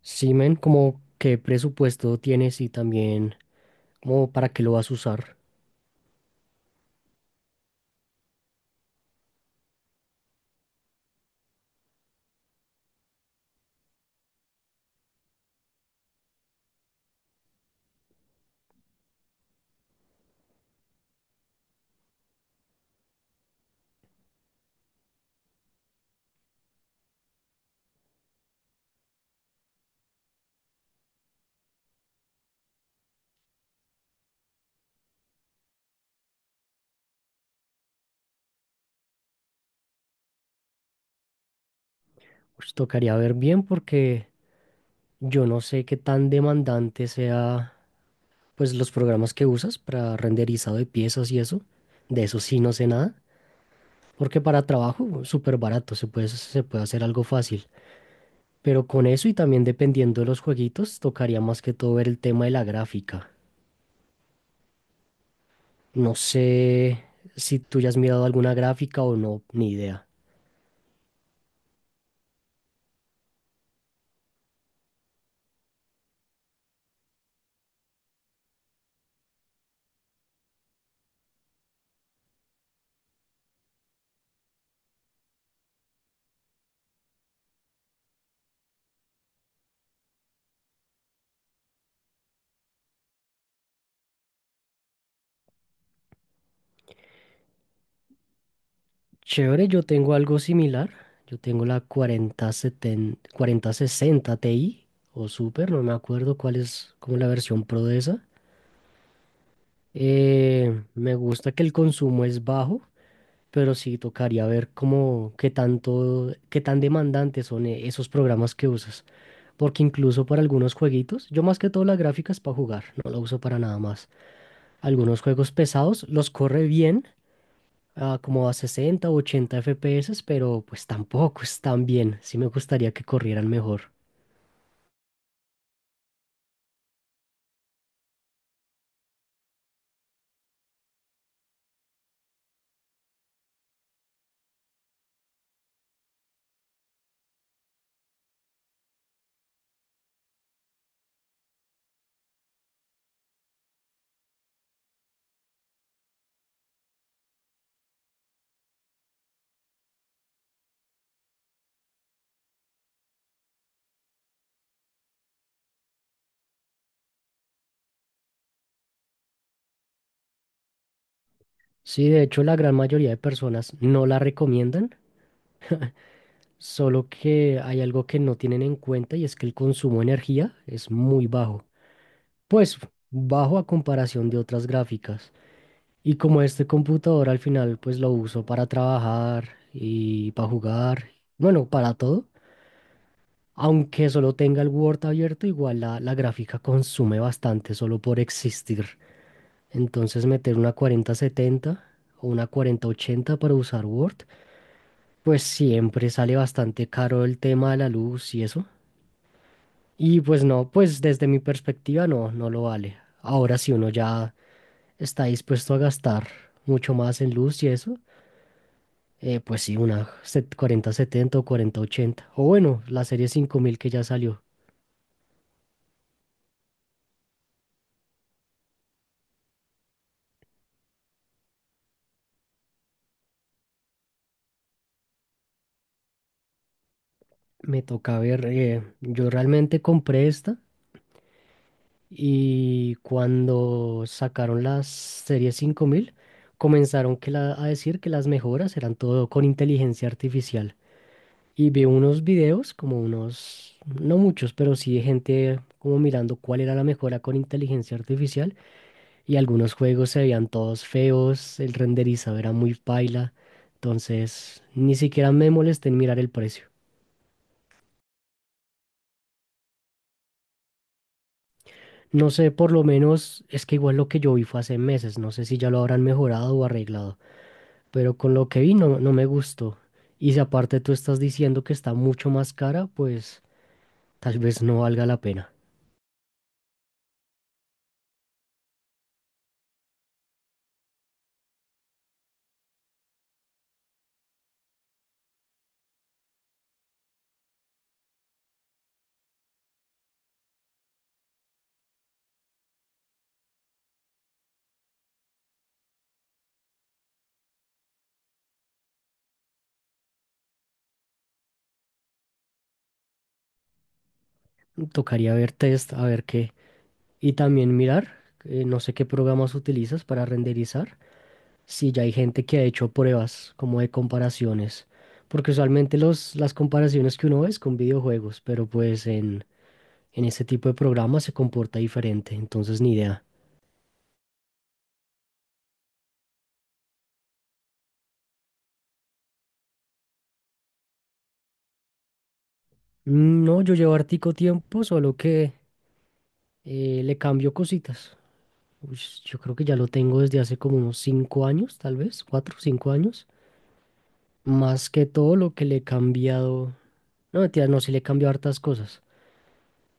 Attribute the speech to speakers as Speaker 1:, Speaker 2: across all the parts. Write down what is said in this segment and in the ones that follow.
Speaker 1: Sí, men, como qué presupuesto tienes y también como para qué lo vas a usar. Pues tocaría ver bien porque yo no sé qué tan demandante sea pues los programas que usas para renderizado de piezas y eso. De eso sí no sé nada, porque para trabajo súper barato se puede hacer algo fácil. Pero con eso y también dependiendo de los jueguitos, tocaría más que todo ver el tema de la gráfica. No sé si tú ya has mirado alguna gráfica o no, ni idea. Chévere, yo tengo algo similar. Yo tengo la cuarenta setenta cuarenta sesenta Ti o Super, no me acuerdo cuál es como la versión pro de esa. Me gusta que el consumo es bajo, pero sí tocaría ver cómo qué tanto, qué tan demandantes son esos programas que usas. Porque incluso para algunos jueguitos, yo más que todo la gráfica es para jugar, no la uso para nada más. Algunos juegos pesados los corre bien, a como a 60, o 80 FPS, pero pues tampoco están bien. Sí me gustaría que corrieran mejor. Sí, de hecho la gran mayoría de personas no la recomiendan, solo que hay algo que no tienen en cuenta y es que el consumo de energía es muy bajo. Pues bajo a comparación de otras gráficas. Y como este computador al final pues lo uso para trabajar y para jugar, bueno, para todo. Aunque solo tenga el Word abierto, igual la gráfica consume bastante solo por existir. Entonces meter una 4070 o una 4080 para usar Word, pues siempre sale bastante caro el tema de la luz y eso. Y pues no, pues desde mi perspectiva no, no lo vale. Ahora si uno ya está dispuesto a gastar mucho más en luz y eso, pues sí, una 4070 o 4080. O bueno, la serie 5000 que ya salió. Me toca ver, yo realmente compré esta y cuando sacaron las series 5000 comenzaron a decir que las mejoras eran todo con inteligencia artificial. Y vi unos videos, como unos, no muchos, pero sí de gente como mirando cuál era la mejora con inteligencia artificial y algunos juegos se veían todos feos, el renderizado era muy paila, entonces ni siquiera me molesté en mirar el precio. No sé, por lo menos es que igual lo que yo vi fue hace meses, no sé si ya lo habrán mejorado o arreglado, pero con lo que vi no, no me gustó. Y si aparte tú estás diciendo que está mucho más cara, pues tal vez no valga la pena. Tocaría ver test, a ver qué. Y también mirar, no sé qué programas utilizas para renderizar, si ya hay gente que ha hecho pruebas como de comparaciones, porque usualmente las comparaciones que uno ve es con videojuegos, pero pues en ese tipo de programas se comporta diferente, entonces ni idea. No, yo llevo hartico tiempo, solo que le cambio cositas. Uy, yo creo que ya lo tengo desde hace como unos cinco años, tal vez, cuatro, cinco años. Más que todo lo que le he cambiado. No, mentira, no, sí le he cambiado hartas cosas.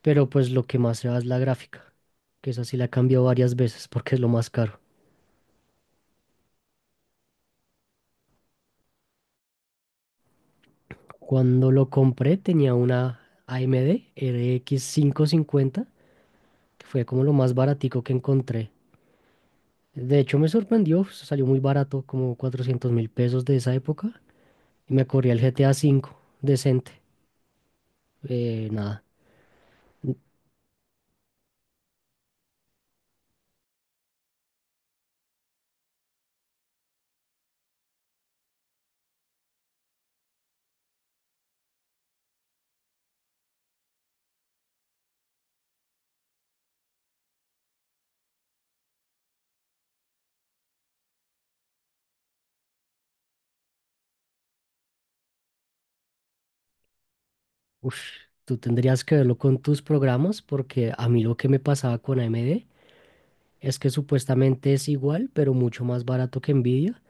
Speaker 1: Pero pues lo que más se va es la gráfica, que esa sí la he cambiado varias veces porque es lo más caro. Cuando lo compré tenía una AMD RX 550, que fue como lo más baratico que encontré. De hecho, me sorprendió, pues, salió muy barato, como 400 mil pesos de esa época. Y me corría el GTA cinco, decente. Nada. Uf, Tú tendrías que verlo con tus programas, porque a mí lo que me pasaba con AMD es que supuestamente es igual, pero mucho más barato que Nvidia.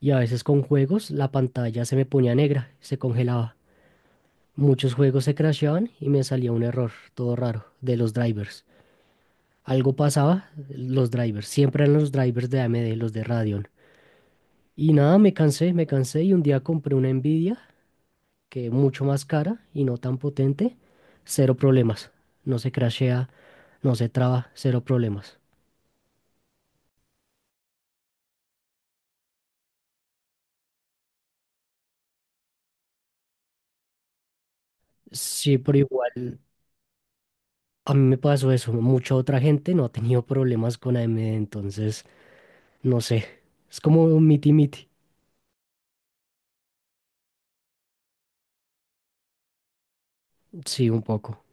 Speaker 1: Y a veces con juegos la pantalla se me ponía negra, se congelaba. Muchos juegos se crasheaban y me salía un error, todo raro, de los drivers. Algo pasaba, los drivers, siempre eran los drivers de AMD, los de Radeon. Y nada, me cansé y un día compré una Nvidia que es mucho más cara y no tan potente, cero problemas. No se crashea, no se traba, cero problemas. Sí, pero igual a mí me pasó eso. Mucha otra gente no ha tenido problemas con AMD, entonces no sé. Es como un miti-miti. Sí, un poco.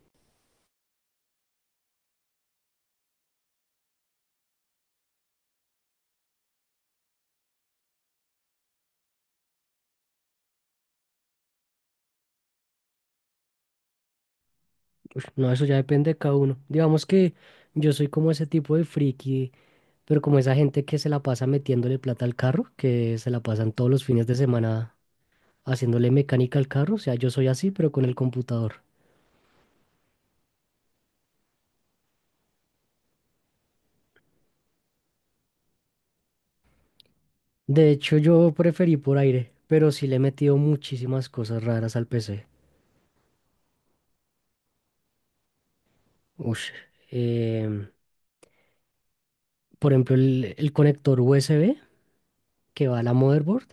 Speaker 1: No, eso ya depende de cada uno. Digamos que yo soy como ese tipo de friki, pero como esa gente que se la pasa metiéndole plata al carro, que se la pasan todos los fines de semana haciéndole mecánica al carro, o sea, yo soy así, pero con el computador. De hecho, yo preferí por aire, pero sí le he metido muchísimas cosas raras al PC. Ush, em, por ejemplo, el conector USB que va a la motherboard,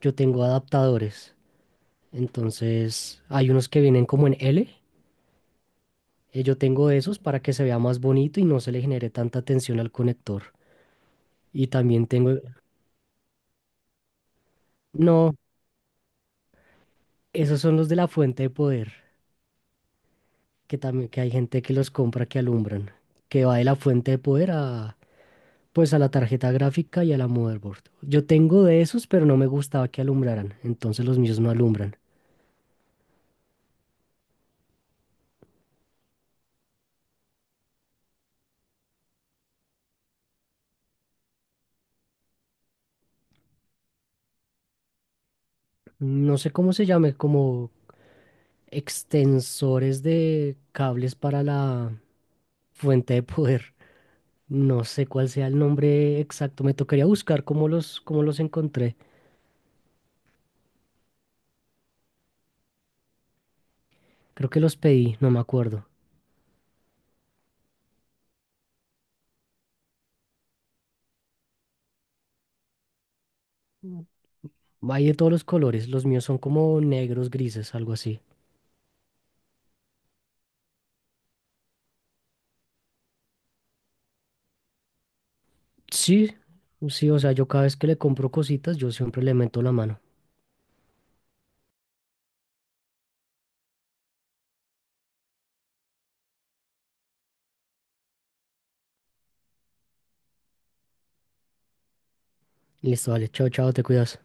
Speaker 1: yo tengo adaptadores. Entonces, hay unos que vienen como en L. Yo tengo esos para que se vea más bonito y no se le genere tanta tensión al conector. Y también tengo... No, esos son los de la fuente de poder. Que también que hay gente que los compra que alumbran, que va de la fuente de poder a pues a la tarjeta gráfica y a la motherboard. Yo tengo de esos, pero no me gustaba que alumbraran, entonces los míos no alumbran. No sé cómo se llame, como extensores de cables para la fuente de poder. No sé cuál sea el nombre exacto, me tocaría buscar cómo los encontré. Creo que los pedí, no me acuerdo. Hay de todos los colores, los míos son como negros, grises, algo así. Sí, sí, o sea, yo cada vez que le compro cositas, yo siempre le meto la mano. Listo, vale, chao, chao, te cuidas.